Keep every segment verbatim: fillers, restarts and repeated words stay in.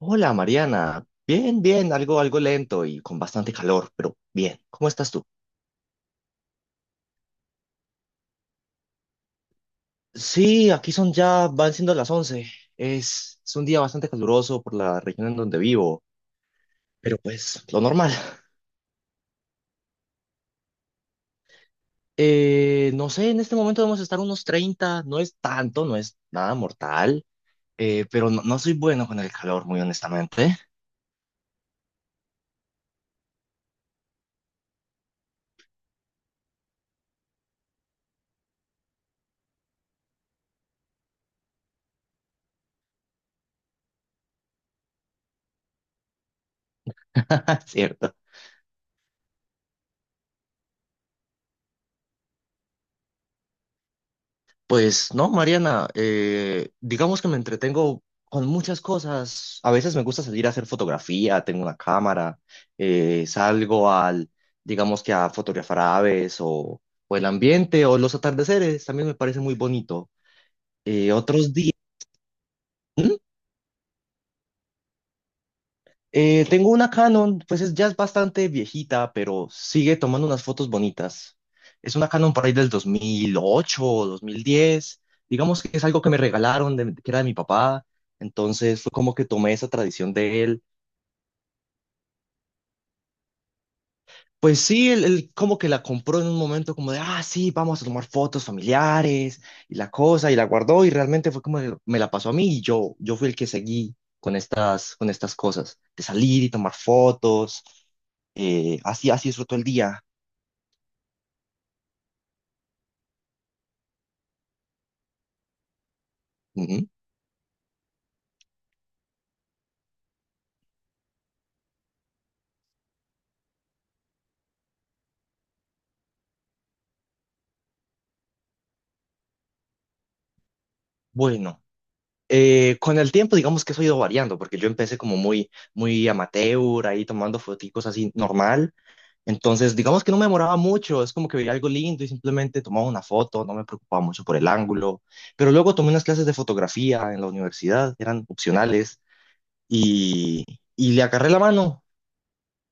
Hola Mariana, bien, bien, algo, algo lento y con bastante calor, pero bien, ¿cómo estás tú? Sí, aquí son ya, van siendo las once. es, es un día bastante caluroso por la región en donde vivo, pero pues lo normal. Eh, no sé, en este momento debemos estar unos treinta, no es tanto, no es nada mortal, eh, pero no, no soy bueno con el calor, muy honestamente. ¿Cierto? Pues no, Mariana, eh, digamos que me entretengo con muchas cosas. A veces me gusta salir a hacer fotografía, tengo una cámara, eh, salgo al, digamos que a fotografiar aves o, o el ambiente o los atardeceres, también me parece muy bonito. Eh, otros días. Eh, tengo una Canon, pues es, ya es bastante viejita, pero sigue tomando unas fotos bonitas. Es una Canon por ahí del dos mil ocho o dos mil diez. Digamos que es algo que me regalaron, de- que era de mi papá. Entonces fue como que tomé esa tradición de él. Pues sí, él, él como que la compró en un momento como de, ah, sí, vamos a tomar fotos familiares y la cosa, y la guardó y realmente fue como que me la pasó a mí y yo, yo fui el que seguí con estas, con estas cosas, de salir y tomar fotos. eh, así, así disfruto el día. Ujú. Bueno, eh, con el tiempo digamos que eso ha ido variando, porque yo empecé como muy, muy amateur, ahí tomando foticos así normal. Entonces, digamos que no me demoraba mucho, es como que veía algo lindo y simplemente tomaba una foto, no me preocupaba mucho por el ángulo. Pero luego tomé unas clases de fotografía en la universidad, eran opcionales, y, y le agarré la mano.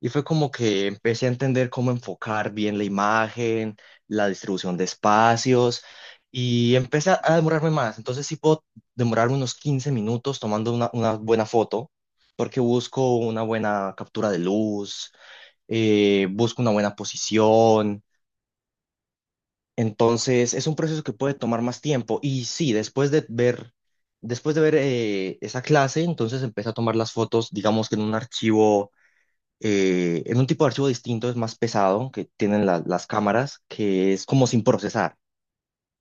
Y fue como que empecé a entender cómo enfocar bien la imagen, la distribución de espacios y empecé a a demorarme más. Entonces sí puedo demorarme unos quince minutos tomando una, una buena foto porque busco una buena captura de luz, eh, busco una buena posición. Entonces es un proceso que puede tomar más tiempo. Y sí, después de ver, después de ver eh, esa clase, entonces empecé a tomar las fotos, digamos que en un archivo eh, en un tipo de archivo distinto, es más pesado, que tienen la- las cámaras, que es como sin procesar.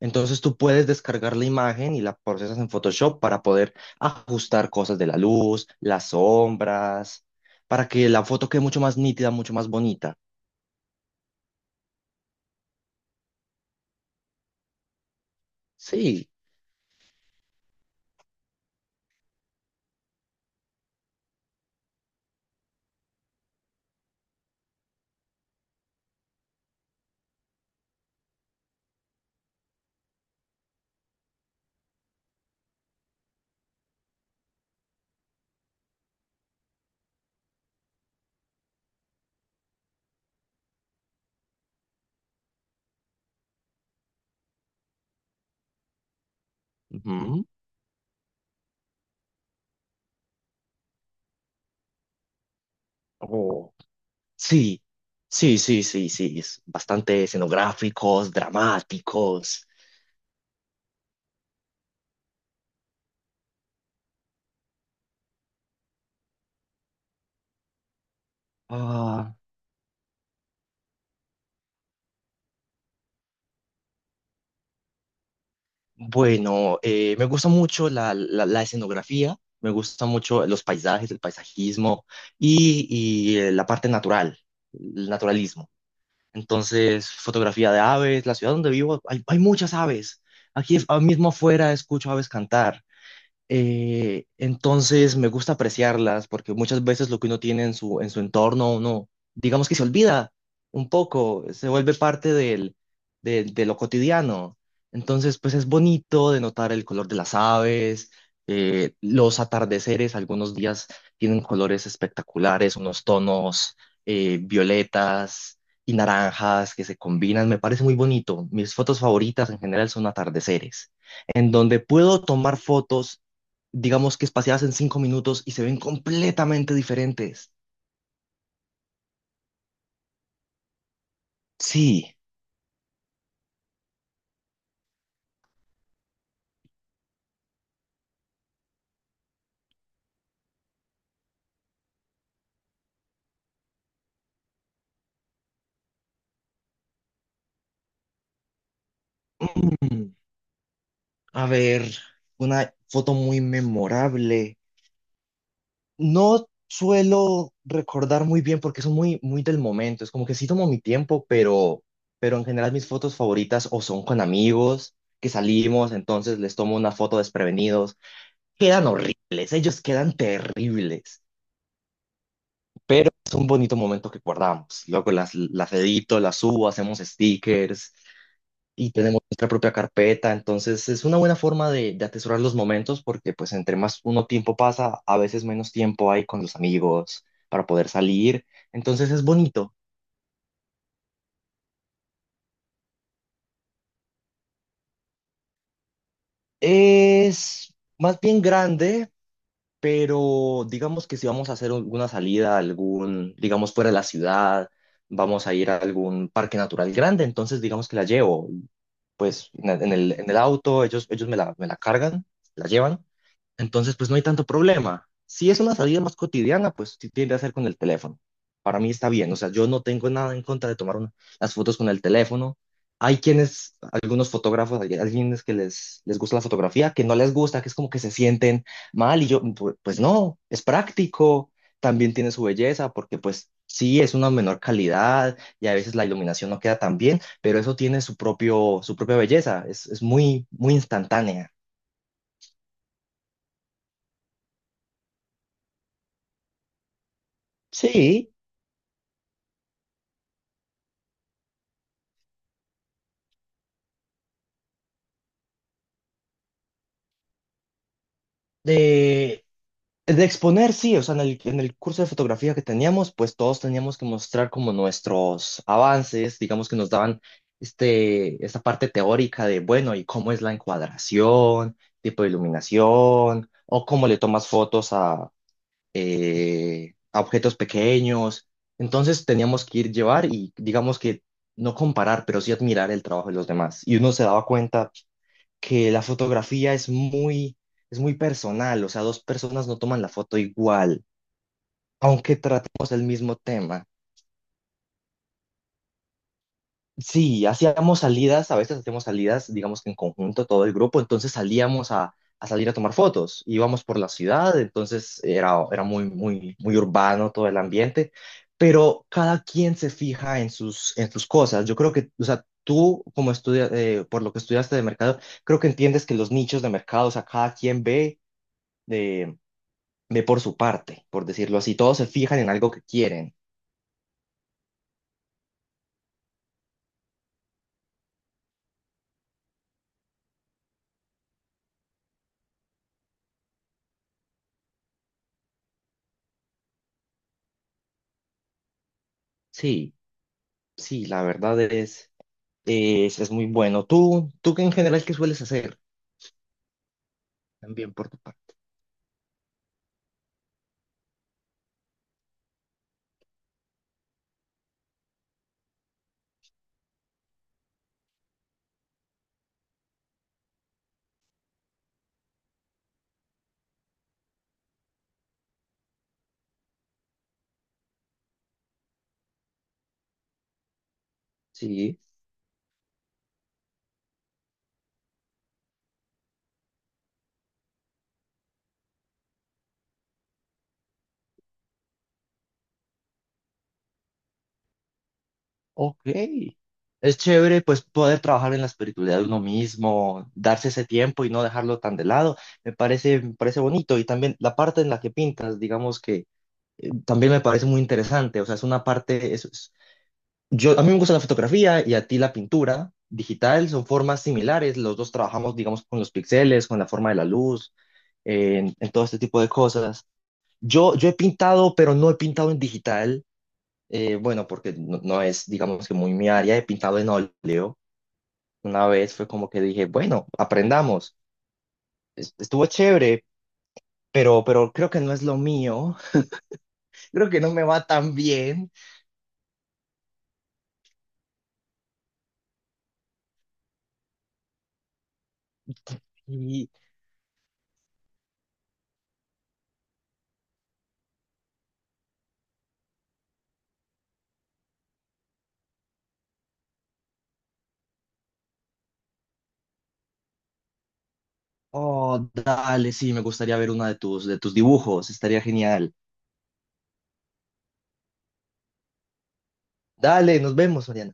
Entonces tú puedes descargar la imagen y la procesas en Photoshop para poder ajustar cosas de la luz, las sombras, para que la foto quede mucho más nítida, mucho más bonita. Sí. Ujú. Oh, sí, sí, sí, sí, sí. Es bastante escenográficos, dramáticos. Ah, bueno, eh, me gusta mucho la, la- la escenografía, me gusta mucho los paisajes, el paisajismo y, y, eh, la parte natural, el naturalismo. Entonces, fotografía de aves, la ciudad donde vivo, hay, hay muchas aves. Aquí, ahora mismo afuera, escucho aves cantar. Eh, entonces me gusta apreciarlas porque muchas veces lo que uno tiene en su, en su entorno, uno, digamos que se olvida un poco, se vuelve parte del, del- de lo cotidiano. Entonces, pues es bonito de notar el color de las aves, eh, los atardeceres, algunos días tienen colores espectaculares, unos tonos eh, violetas y naranjas que se combinan, me parece muy bonito. Mis fotos favoritas en general son atardeceres en donde puedo tomar fotos digamos que espaciadas en cinco minutos y se ven completamente diferentes. Sí. Mm, A ver, una foto muy memorable. No suelo recordar muy bien porque son muy, muy del momento. Es como que sí tomo mi tiempo, pero, pero en general mis fotos favoritas o son con amigos que salimos, entonces les tomo una foto desprevenidos. Quedan horribles, ellos quedan terribles, pero es un bonito momento que guardamos. Luego las, las edito, las subo, hacemos stickers. Y tenemos nuestra propia carpeta, entonces es una buena forma de, de atesorar los momentos porque pues entre más uno tiempo pasa, a veces menos tiempo hay con los amigos para poder salir, entonces es bonito. Es más bien grande, pero digamos que si vamos a hacer alguna salida, algún, digamos fuera de la ciudad, vamos a ir a algún parque natural grande, entonces digamos que la llevo, pues en el, en el auto, ellos, ellos me la, me la cargan, la llevan. Entonces, pues no hay tanto problema. Si es una salida más cotidiana, pues sí tiende a ser con el teléfono. Para mí está bien, o sea, yo no tengo nada en contra de tomar una- las fotos con el teléfono. Hay quienes, algunos fotógrafos, hay algunos que les, les gusta la fotografía, que no les gusta, que es como que se sienten mal y yo, pu- pues no, es práctico, también tiene su belleza, porque pues sí, es una menor calidad y a veces la iluminación no queda tan bien, pero eso tiene su propio, su propia belleza, es, es muy, muy instantánea. Sí. De exponer, sí, o sea, en el, en el curso de fotografía que teníamos, pues todos teníamos que mostrar como nuestros avances, digamos que nos daban este, esta parte teórica de, bueno, y cómo es la encuadración, tipo de iluminación, o cómo le tomas fotos a, eh, a objetos pequeños. Entonces teníamos que ir llevar y digamos que no comparar, pero sí admirar el trabajo de los demás. Y uno se daba cuenta que la fotografía es muy, es muy personal, o sea, dos personas no toman la foto igual, aunque tratemos el mismo tema. Sí, hacíamos salidas, a veces hacíamos salidas, digamos que en conjunto, todo el grupo, entonces salíamos a, a salir a tomar fotos, íbamos por la ciudad, entonces era, era muy, muy, muy urbano todo el ambiente, pero cada quien se fija en sus, en sus cosas. Yo creo que, o sea, tú como estudia, eh, por lo que estudiaste de mercado, creo que entiendes que los nichos de mercado, o sea, cada quien ve ve por su parte, por decirlo así. Todos se fijan en algo que quieren. Sí, sí, la verdad es, es, es muy bueno. ¿Tú, tú que en general qué sueles hacer? También por tu parte. Sí, ok. Es chévere pues poder trabajar en la espiritualidad de uno mismo, darse ese tiempo y no dejarlo tan de lado. Me parece, me parece bonito y también la parte en la que pintas, digamos que eh, también me parece muy interesante. O sea, es una parte, es… Yo, a mí me gusta la fotografía y a ti la pintura digital, son formas similares, los dos trabajamos, digamos, con los píxeles, con la forma de la luz, en, en todo este tipo de cosas. Yo, yo he pintado, pero no he pintado en digital, eh, bueno, porque no, no es, digamos, que muy mi área, he pintado en óleo. Una vez fue como que dije, bueno, aprendamos, Es- estuvo chévere, pero, pero creo que no es lo mío. Creo que no me va tan bien. Y, oh, dale, sí, me gustaría ver una de tus, de tus dibujos, estaría genial. Dale, nos vemos, Oriana.